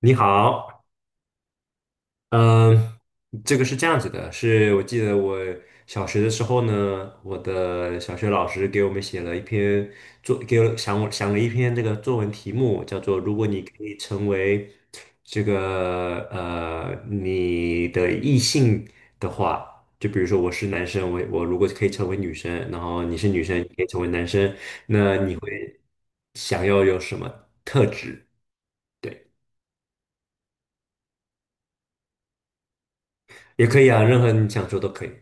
你好，嗯，这个是这样子的，是我记得我小学的时候呢，我的小学老师给我们写了一篇给我想我想了一篇这个作文题目，叫做"如果你可以成为你的异性的话"，就比如说我是男生，我如果可以成为女生，然后你是女生，你可以成为男生，那你会想要有什么特质？对，也可以啊，任何你想说都可以。是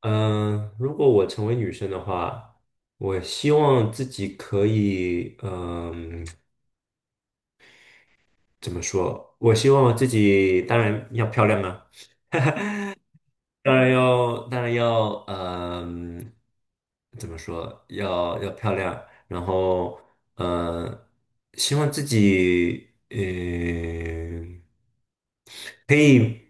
嗯，如果我成为女生的话，我希望自己可以，怎么说？我希望自己当然要漂亮啊，当然要，怎么说？要漂亮，然后，嗯，希望自己，可以，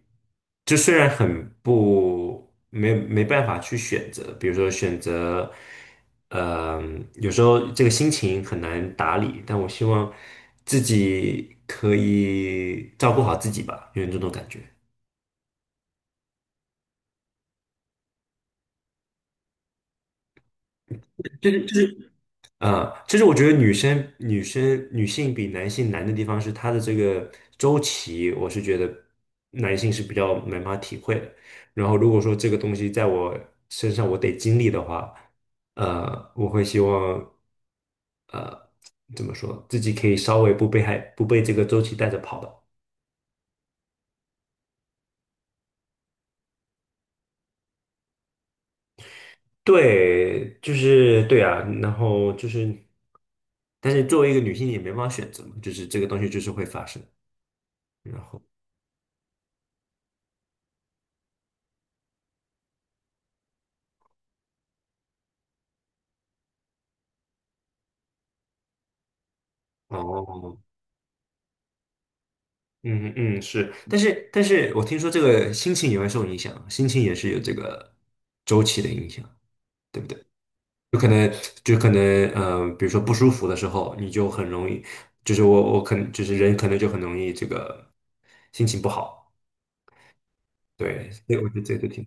就虽然很不没没办法去选择，比如说选择，有时候这个心情很难打理，但我希望自己可以照顾好自己吧，有点这种感觉。就就是就是。其实我觉得女性比男性难的地方是她的这个周期，我是觉得男性是比较没办法体会的。然后如果说这个东西在我身上我得经历的话，我会希望怎么说，自己可以稍微不被这个周期带着跑的。对，就是对啊，然后就是，但是作为一个女性也没办法选择嘛，就是这个东西就是会发生。哦。嗯嗯是，但是我听说这个心情也会受影响，心情也是有这个周期的影响，对不对？有可能就可能比如说不舒服的时候，你就很容易，就是我可能就是人可能就很容易这个心情不好，对，所以我觉得这个挺。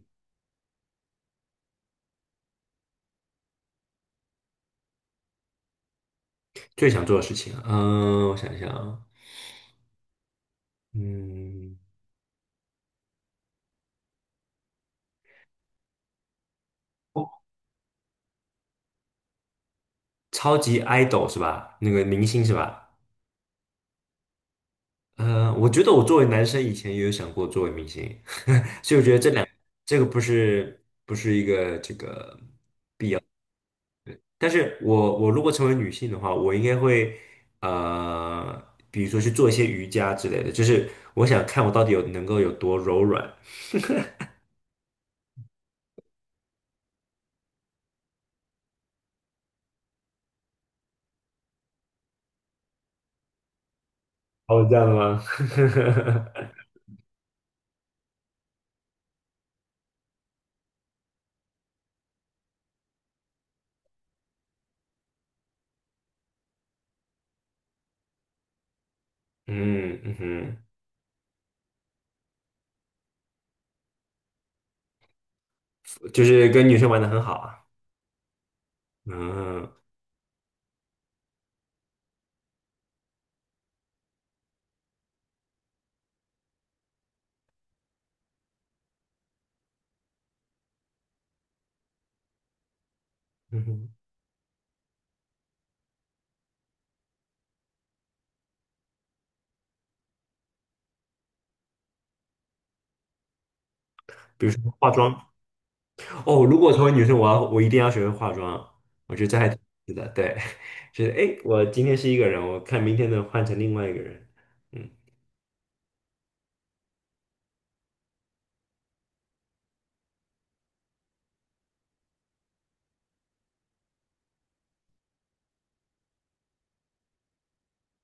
最想做的事情啊我想一想啊，嗯，哦，超级 idol 是吧？那个明星是吧？我觉得我作为男生以前也有想过作为明星。这个不是一个这个，但是我如果成为女性的话，我应该会呃，比如说去做一些瑜伽之类的，就是我想看我到底有能够有多柔软。哦，这样的吗？嗯嗯哼，就是跟女生玩的很好啊。嗯嗯哼，比如说化妆哦，如果成为女生，我一定要学会化妆。我觉得这还挺有意思的，对，就是哎，诶我今天是一个人，我看明天能换成另外一个人。嗯。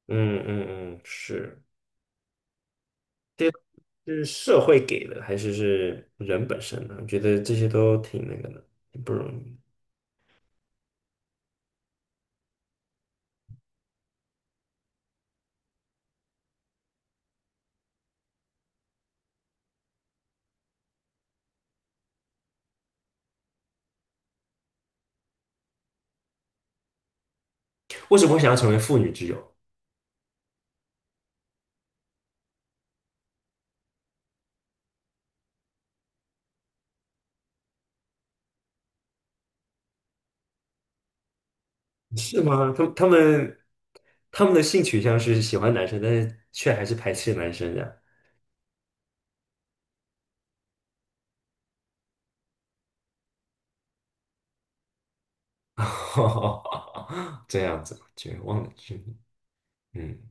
嗯嗯嗯，是，这是社会给的，还是是人本身呢？我觉得这些都挺那个的，挺不容易。为什么会想要成为妇女之友？是吗？他们的性取向是喜欢男生，但是却还是排斥男生的，这样子，就忘了，嗯。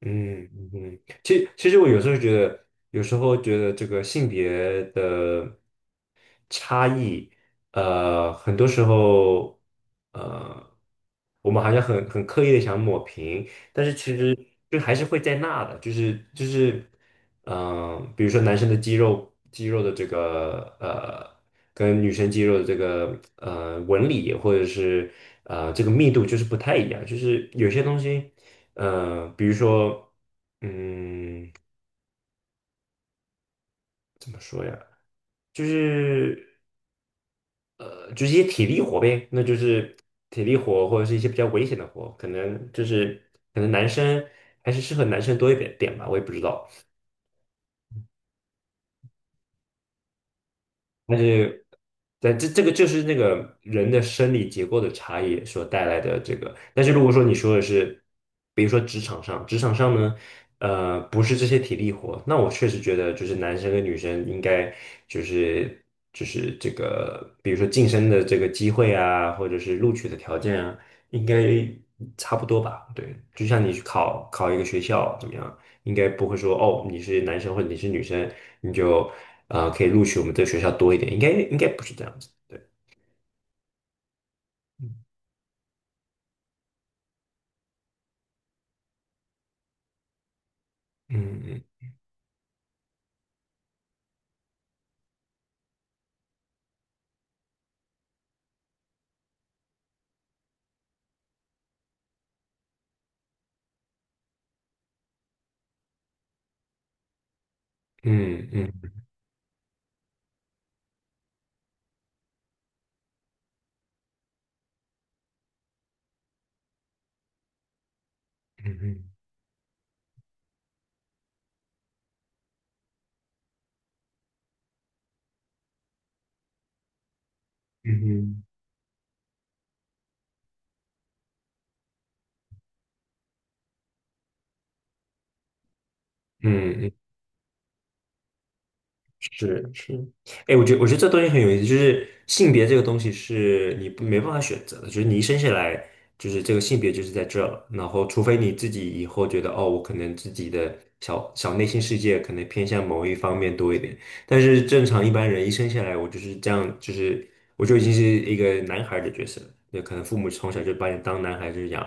嗯嗯嗯，其实我有时候觉得这个性别的差异，很多时候，呃，我们好像很刻意的想抹平，但是其实就还是会在那的，比如说男生的肌肉的这个跟女生肌肉的这个纹理或者是这个密度就是不太一样，就是有些东西，比如说怎么说呀，就是一些体力活呗，那就是体力活或者是一些比较危险的活，可能可能男生还是适合男生多一点点吧，我也不知道。但是，这个就是那个人的生理结构的差异所带来的这个。但是如果说你说的是，比如说职场上呢，不是这些体力活，那我确实觉得就是男生跟女生应该就是这个，比如说晋升的这个机会啊，或者是录取的条件啊，应该差不多吧？对，就像你去考一个学校怎么样？应该不会说哦，你是男生或者你是女生，你就，可以录取我们这个学校多一点，应该不是这样子，对，嗯嗯嗯嗯嗯嗯嗯嗯嗯。是是，哎，我觉得这东西很有意思，就是性别这个东西是你不没办法选择的，就是你一生下来就是这个性别就是在这儿，然后除非你自己以后觉得哦，我可能自己的小小内心世界可能偏向某一方面多一点，但是正常一般人一生下来，我就是这样，就是我就已经是一个男孩儿的角色了，那可能父母从小就把你当男孩子养，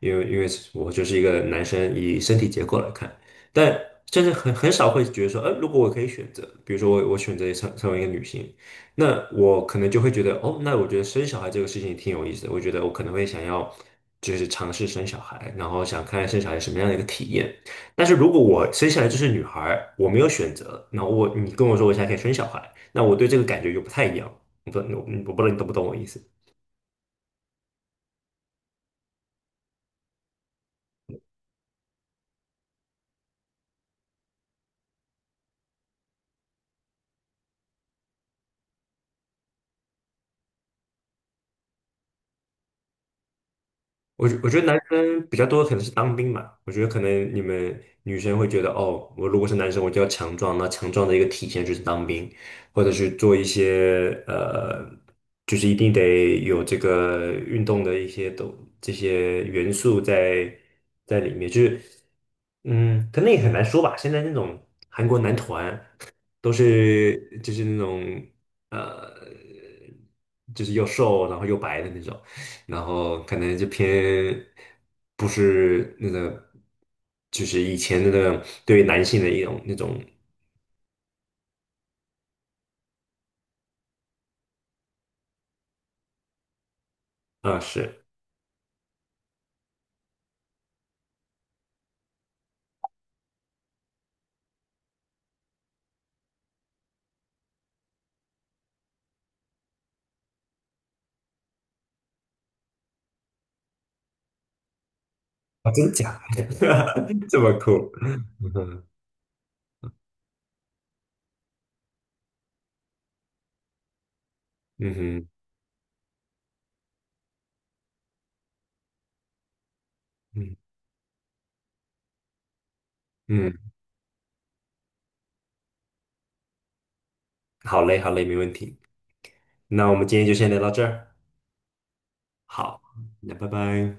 因为我就是一个男生，以身体结构来看。但真的很少会觉得说，如果我可以选择，比如说我选择成为一个女性，那我可能就会觉得，哦，那我觉得生小孩这个事情挺有意思的，我觉得我可能会想要就是尝试生小孩，然后想看看生小孩什么样的一个体验。但是如果我生下来就是女孩儿，我没有选择，你跟我说我现在可以生小孩，那我对这个感觉就不太一样。我不，我我不知道你懂不懂我意思。我觉得男生比较多可能是当兵嘛，我觉得可能你们女生会觉得哦，我如果是男生，我就要强壮，那强壮的一个体现就是当兵，或者是做一些就是一定得有这个运动的一些都这些元素在里面，就是。可能也很难说吧。现在那种韩国男团都是就是那种呃，就是又瘦然后又白的那种，然后可能就偏不是那个，就是以前那个对于男性的一种那种啊，是啊，真假？这么酷？嗯哼，嗯哼，嗯嗯，好嘞，好嘞，没问题。那我们今天就先聊到这儿，好，那拜拜。